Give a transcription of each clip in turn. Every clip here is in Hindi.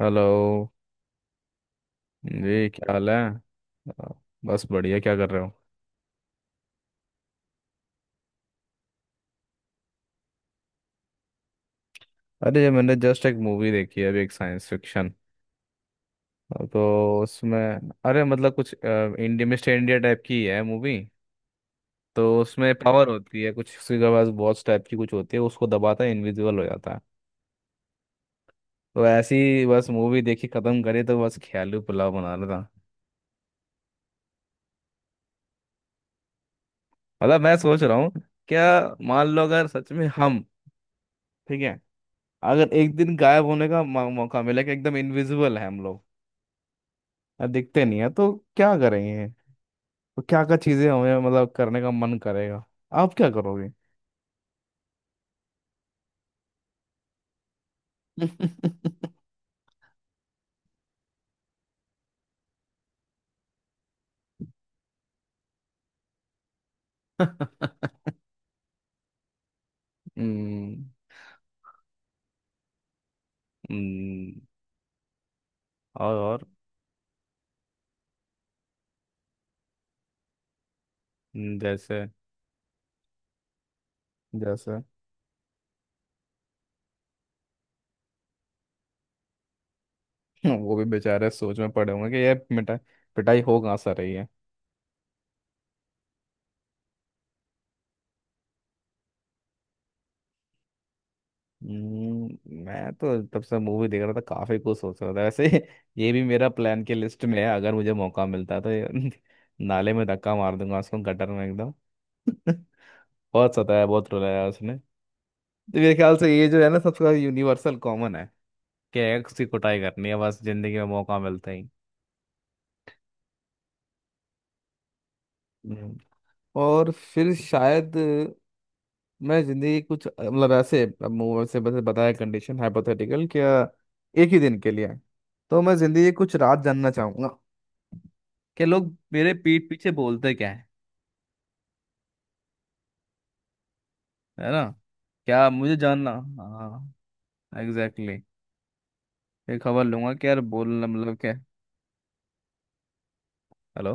हेलो जी, क्या हाल है। आ, बस बढ़िया। क्या कर रहे हो। अरे, ये मैंने जस्ट एक मूवी देखी है अभी, एक साइंस फिक्शन। तो उसमें, अरे मतलब कुछ इंडिया, मिस्टर इंडिया टाइप की है मूवी। तो उसमें पावर होती है कुछ, किसी के पास वॉच टाइप की कुछ होती है, उसको दबाता है, इनविजिबल हो जाता है। तो ऐसी बस मूवी देखी, खत्म करी, तो बस ख्याली पुलाव बना रहा था। मतलब मैं सोच रहा हूँ, क्या, मान लो अगर सच में हम। ठीक है। अगर एक दिन गायब होने का मौका मिला कि एकदम इनविजिबल है हम लोग। दिखते नहीं है तो क्या करेंगे। तो क्या क्या चीजें हमें मतलब करने का मन करेगा। आप क्या करोगे। हम्म, हम्म। और जैसे जैसे। वो भी बेचारे सोच में पड़े होंगे कि ये मिटाई पिटाई हो कहाँ से रही है। हम्म, मैं तो तब से मूवी देख रहा था, काफी कुछ सोच रहा था वैसे। ये भी मेरा प्लान की लिस्ट में है अगर मुझे मौका मिलता तो ये। नाले में धक्का मार दूंगा उसको, गटर में एकदम। बहुत सताया, बहुत रुलाया उसने। तो मेरे ख्याल से ये जो है ना, सबका यूनिवर्सल कॉमन है। कि एक्स की कुटाई करनी है बस, जिंदगी में मौका मिलता ही। हम्म। और फिर शायद, मैं जिंदगी की कुछ, मतलब ऐसे अब मुंह से बस बताया, कंडीशन हाइपोथेटिकल, क्या। एक ही दिन के लिए है। तो मैं जिंदगी की कुछ राज जानना चाहूंगा। कि लोग मेरे पीठ पीछे बोलते क्या है। है ना। क्या मुझे जानना। हाँ, एग्जैक्टली, exactly। ये खबर लूंगा कि यार, बोलना मतलब क्या। हेलो।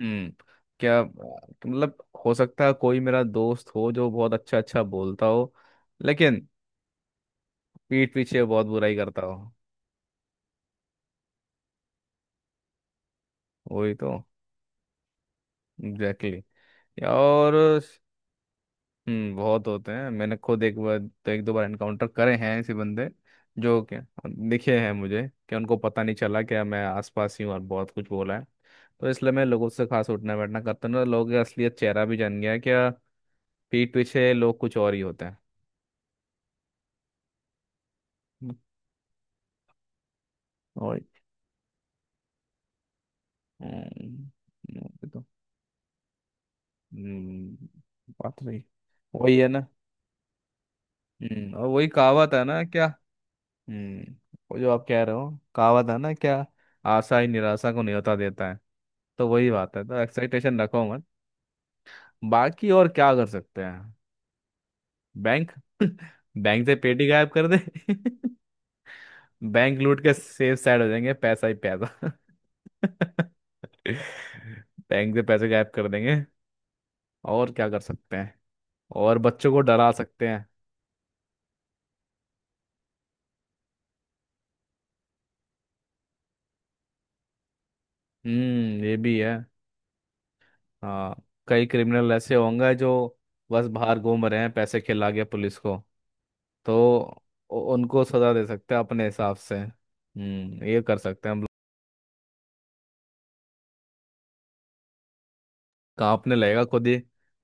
हम्म। क्या मतलब। हो सकता है कोई मेरा दोस्त हो जो बहुत अच्छा अच्छा बोलता हो। लेकिन पीठ पीछे बहुत बुराई करता हो। वही तो। Exactly, exactly। और, बहुत होते हैं, मैंने खुद एक बार तो, एक दो बार एनकाउंटर करे हैं ऐसे बंदे। जो क्या दिखे हैं मुझे कि उनको पता नहीं चला कि मैं आसपास ही हूँ और बहुत कुछ बोला है। तो इसलिए मैं लोगों से खास उठना बैठना करता हूँ ना, लोगों का असलियत चेहरा भी जान गया है क्या। पीठ पीछे लोग कुछ और ही होते हैं। और हम्म, ये तो, हम्म बात रही। वही है ना। और वही कहावत है ना क्या। हम्म वो जो आप कह रहे हो। कहावत है ना क्या। आशा ही निराशा को न्योता देता है। तो वही बात है, तो एक्साइटेशन रखो मत। बाकी और क्या कर सकते हैं। बैंक। बैंक से पेटी गायब कर दे। बैंक लूट के सेफ साइड हो जाएंगे, पैसा ही पैसा। बैंक से पैसे गायब कर देंगे। और क्या कर सकते हैं। और बच्चों को डरा सकते हैं। ये भी है। हाँ, कई क्रिमिनल ऐसे होंगे जो बस बाहर घूम रहे हैं पैसे खिला के पुलिस को। तो उनको सजा दे सकते हैं अपने हिसाब से। ये कर सकते हैं हम लोग। कांपने लगेगा खुद ही।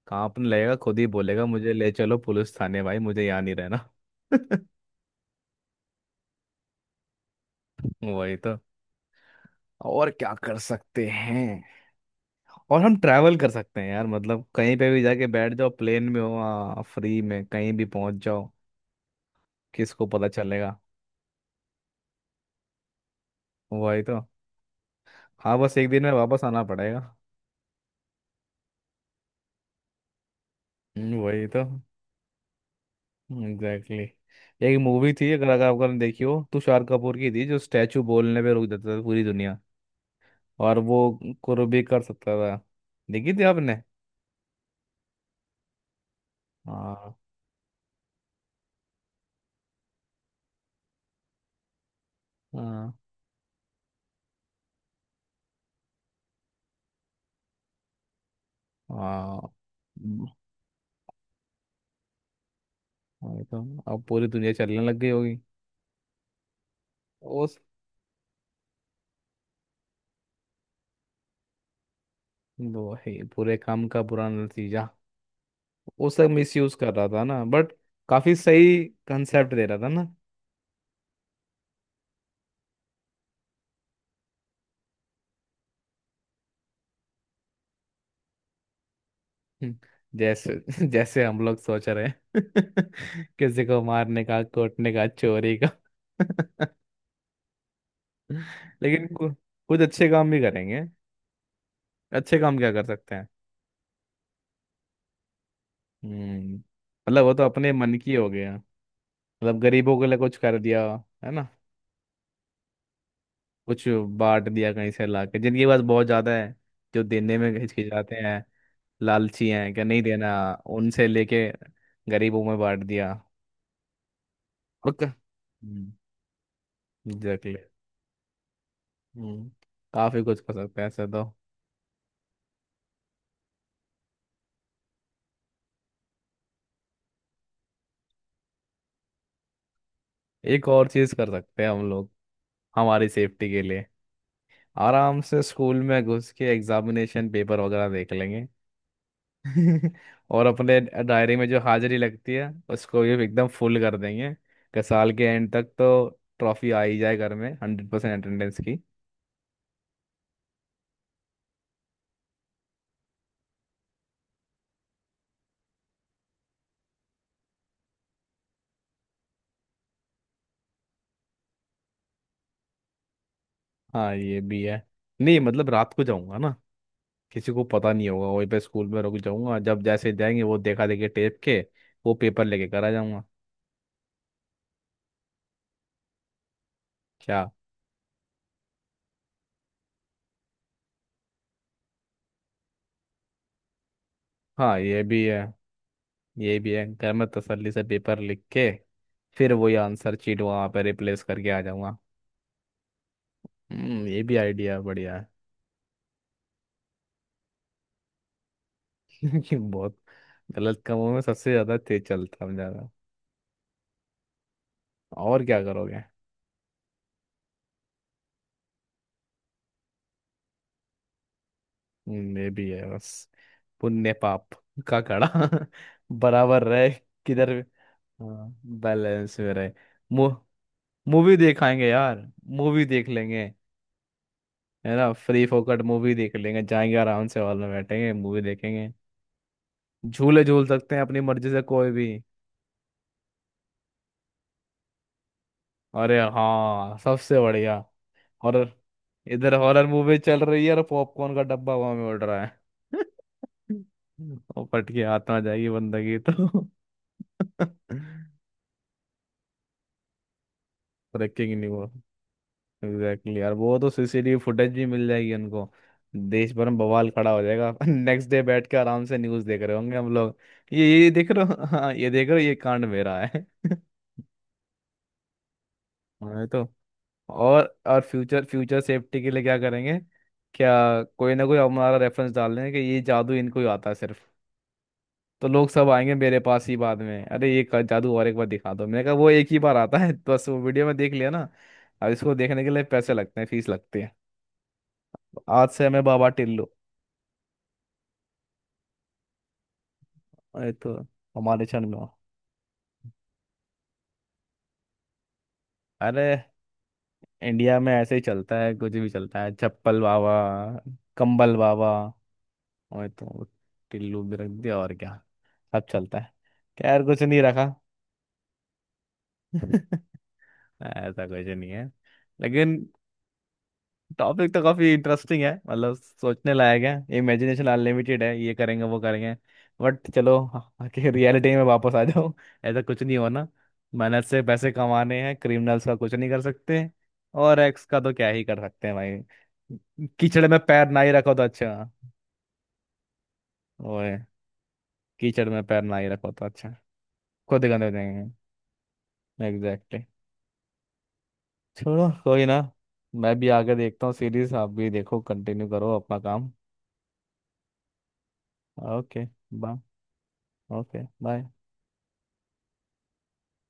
कांपने लगेगा खुद ही, बोलेगा मुझे ले चलो पुलिस थाने, भाई मुझे यहाँ नहीं रहना। वही तो। और क्या कर सकते हैं। और हम ट्रैवल कर सकते हैं यार, मतलब कहीं पे भी जाके बैठ जाओ प्लेन में, हो फ्री में कहीं भी पहुंच जाओ। किसको पता चलेगा। वही तो। हाँ, बस एक दिन में वापस आना पड़ेगा। वही तो। Exactly, exactly। एक मूवी थी, अगर अगर आपने देखी हो, तुषार कपूर की थी, जो स्टैचू बोलने पे रोक देता था पूरी दुनिया। और वो कुछ भी कर सकता था। देखी थी आपने। हाँ, हाँ, हाँ। हम्म, वही तो। अब पूरी दुनिया चलने लग गई होगी। उस, वही पूरे काम का बुरा नतीजा। उसका मिस यूज कर रहा था ना, बट काफी सही कंसेप्ट दे रहा था ना। हम्म, जैसे। जैसे हम लोग सोच रहे हैं। किसी को मारने का, कूटने का, चोरी का। लेकिन कुछ अच्छे काम भी करेंगे। अच्छे काम क्या कर सकते हैं। मतलब वो तो अपने मन की हो गया। मतलब गरीबों के लिए कुछ कर दिया। है ना। कुछ बांट दिया कहीं से लाके, जिनके पास बहुत ज्यादा है। जो देने में हिचकिचाते हैं। लालची हैं, क्या नहीं देना। उनसे लेके गरीबों में बांट दिया। Okay, exactly. हम्म काफी कुछ कर सकते हैं ऐसे तो। एक और चीज कर सकते हैं हम लोग, हमारी सेफ्टी के लिए। आराम से स्कूल में घुस के एग्जामिनेशन पेपर वगैरह देख लेंगे। और अपने डायरी में जो हाजिरी लगती है उसको भी एकदम फुल कर देंगे। कि साल के एंड तक तो ट्रॉफी आ ही जाए घर में, 100% अटेंडेंस की। हाँ, ये भी है। नहीं मतलब, रात को जाऊंगा ना, किसी को पता नहीं होगा, वहीं पे स्कूल में रुक जाऊंगा, जब जैसे जाएंगे वो, देखा देखी टेप के वो पेपर लेके करा जाऊंगा। क्या। हाँ, ये भी है। ये भी है, घर में तसल्ली से पेपर लिख के फिर वही आंसर चीट वहां पर रिप्लेस करके आ जाऊंगा। ये भी आइडिया बढ़िया है। लेकिन बहुत, गलत कामों में सबसे ज्यादा तेज चलता हम ज्यादा। और क्या करोगे। ये भी है बस, पुण्य पाप का घड़ा बराबर रहे किधर भी। हाँ, बैलेंस में रहे। मु, मूवी देखाएंगे यार, मूवी देख लेंगे। है ना, फ्री फोकट मूवी देख लेंगे, जाएंगे आराम से हॉल में, बैठेंगे मूवी देखेंगे। झूले झूल सकते हैं अपनी मर्जी से कोई भी। अरे हाँ, सबसे बढ़िया हॉरर। इधर हॉरर मूवी चल रही है और पॉपकॉर्न का डब्बा हवा में उड़ रहा है। और फट के हाथ में आ जाएगी बंदगी तो। रखेंगे नहीं वो। एग्जैक्टली यार, वो तो सीसीटीवी फुटेज भी मिल जाएगी उनको। देश भर में बवाल खड़ा हो जाएगा। नेक्स्ट डे बैठ के आराम से न्यूज़ देख रहे होंगे हम लोग। ये देख रहे हो। हाँ, ये देख रहे हो, ये कांड मेरा है। हाँ, ये तो। और फ्यूचर फ्यूचर सेफ्टी के लिए क्या करेंगे। क्या कोई ना कोई हमारा रेफरेंस डाल लें कि ये जादू इनको ही आता है सिर्फ। तो लोग सब आएंगे मेरे पास ही बाद में, अरे ये जादू और एक बार दिखा दो, मैंने कहा वो एक ही बार आता है। बस वो वीडियो में देख लिया ना। अब इसको देखने के लिए पैसे लगते हैं, फीस लगती है। तो आज से हमें बाबा टिल्लू, ये तो हमारे क्षण में हो। अरे इंडिया में ऐसे ही चलता है, कुछ भी चलता है, चप्पल बाबा, कंबल बाबा, और तो टिल्लू भी रख दिया, और क्या। सब चलता है। खैर कुछ नहीं रखा। ऐसा कुछ नहीं है। लेकिन टॉपिक तो काफी इंटरेस्टिंग है, मतलब सोचने लायक है, इमेजिनेशन अनलिमिटेड है, ये करेंगे वो करेंगे। बट चलो आके रियलिटी में वापस आ जाओ। ऐसा कुछ नहीं होना। मेहनत से पैसे कमाने हैं, क्रिमिनल्स का कुछ नहीं कर सकते। और एक्स का तो क्या ही कर सकते हैं भाई। कीचड़ में पैर ना ही रखो तो अच्छा। ओए, कीचड़ में पैर ना ही रखो तो अच्छा। खुद ही गंदे हो जाएंगे। एग्जैक्टली। छोड़ो, कोई ना। मैं भी आगे देखता हूँ सीरीज, आप भी देखो, कंटिन्यू करो अपना काम। ओके। बाय। ओके। बाय।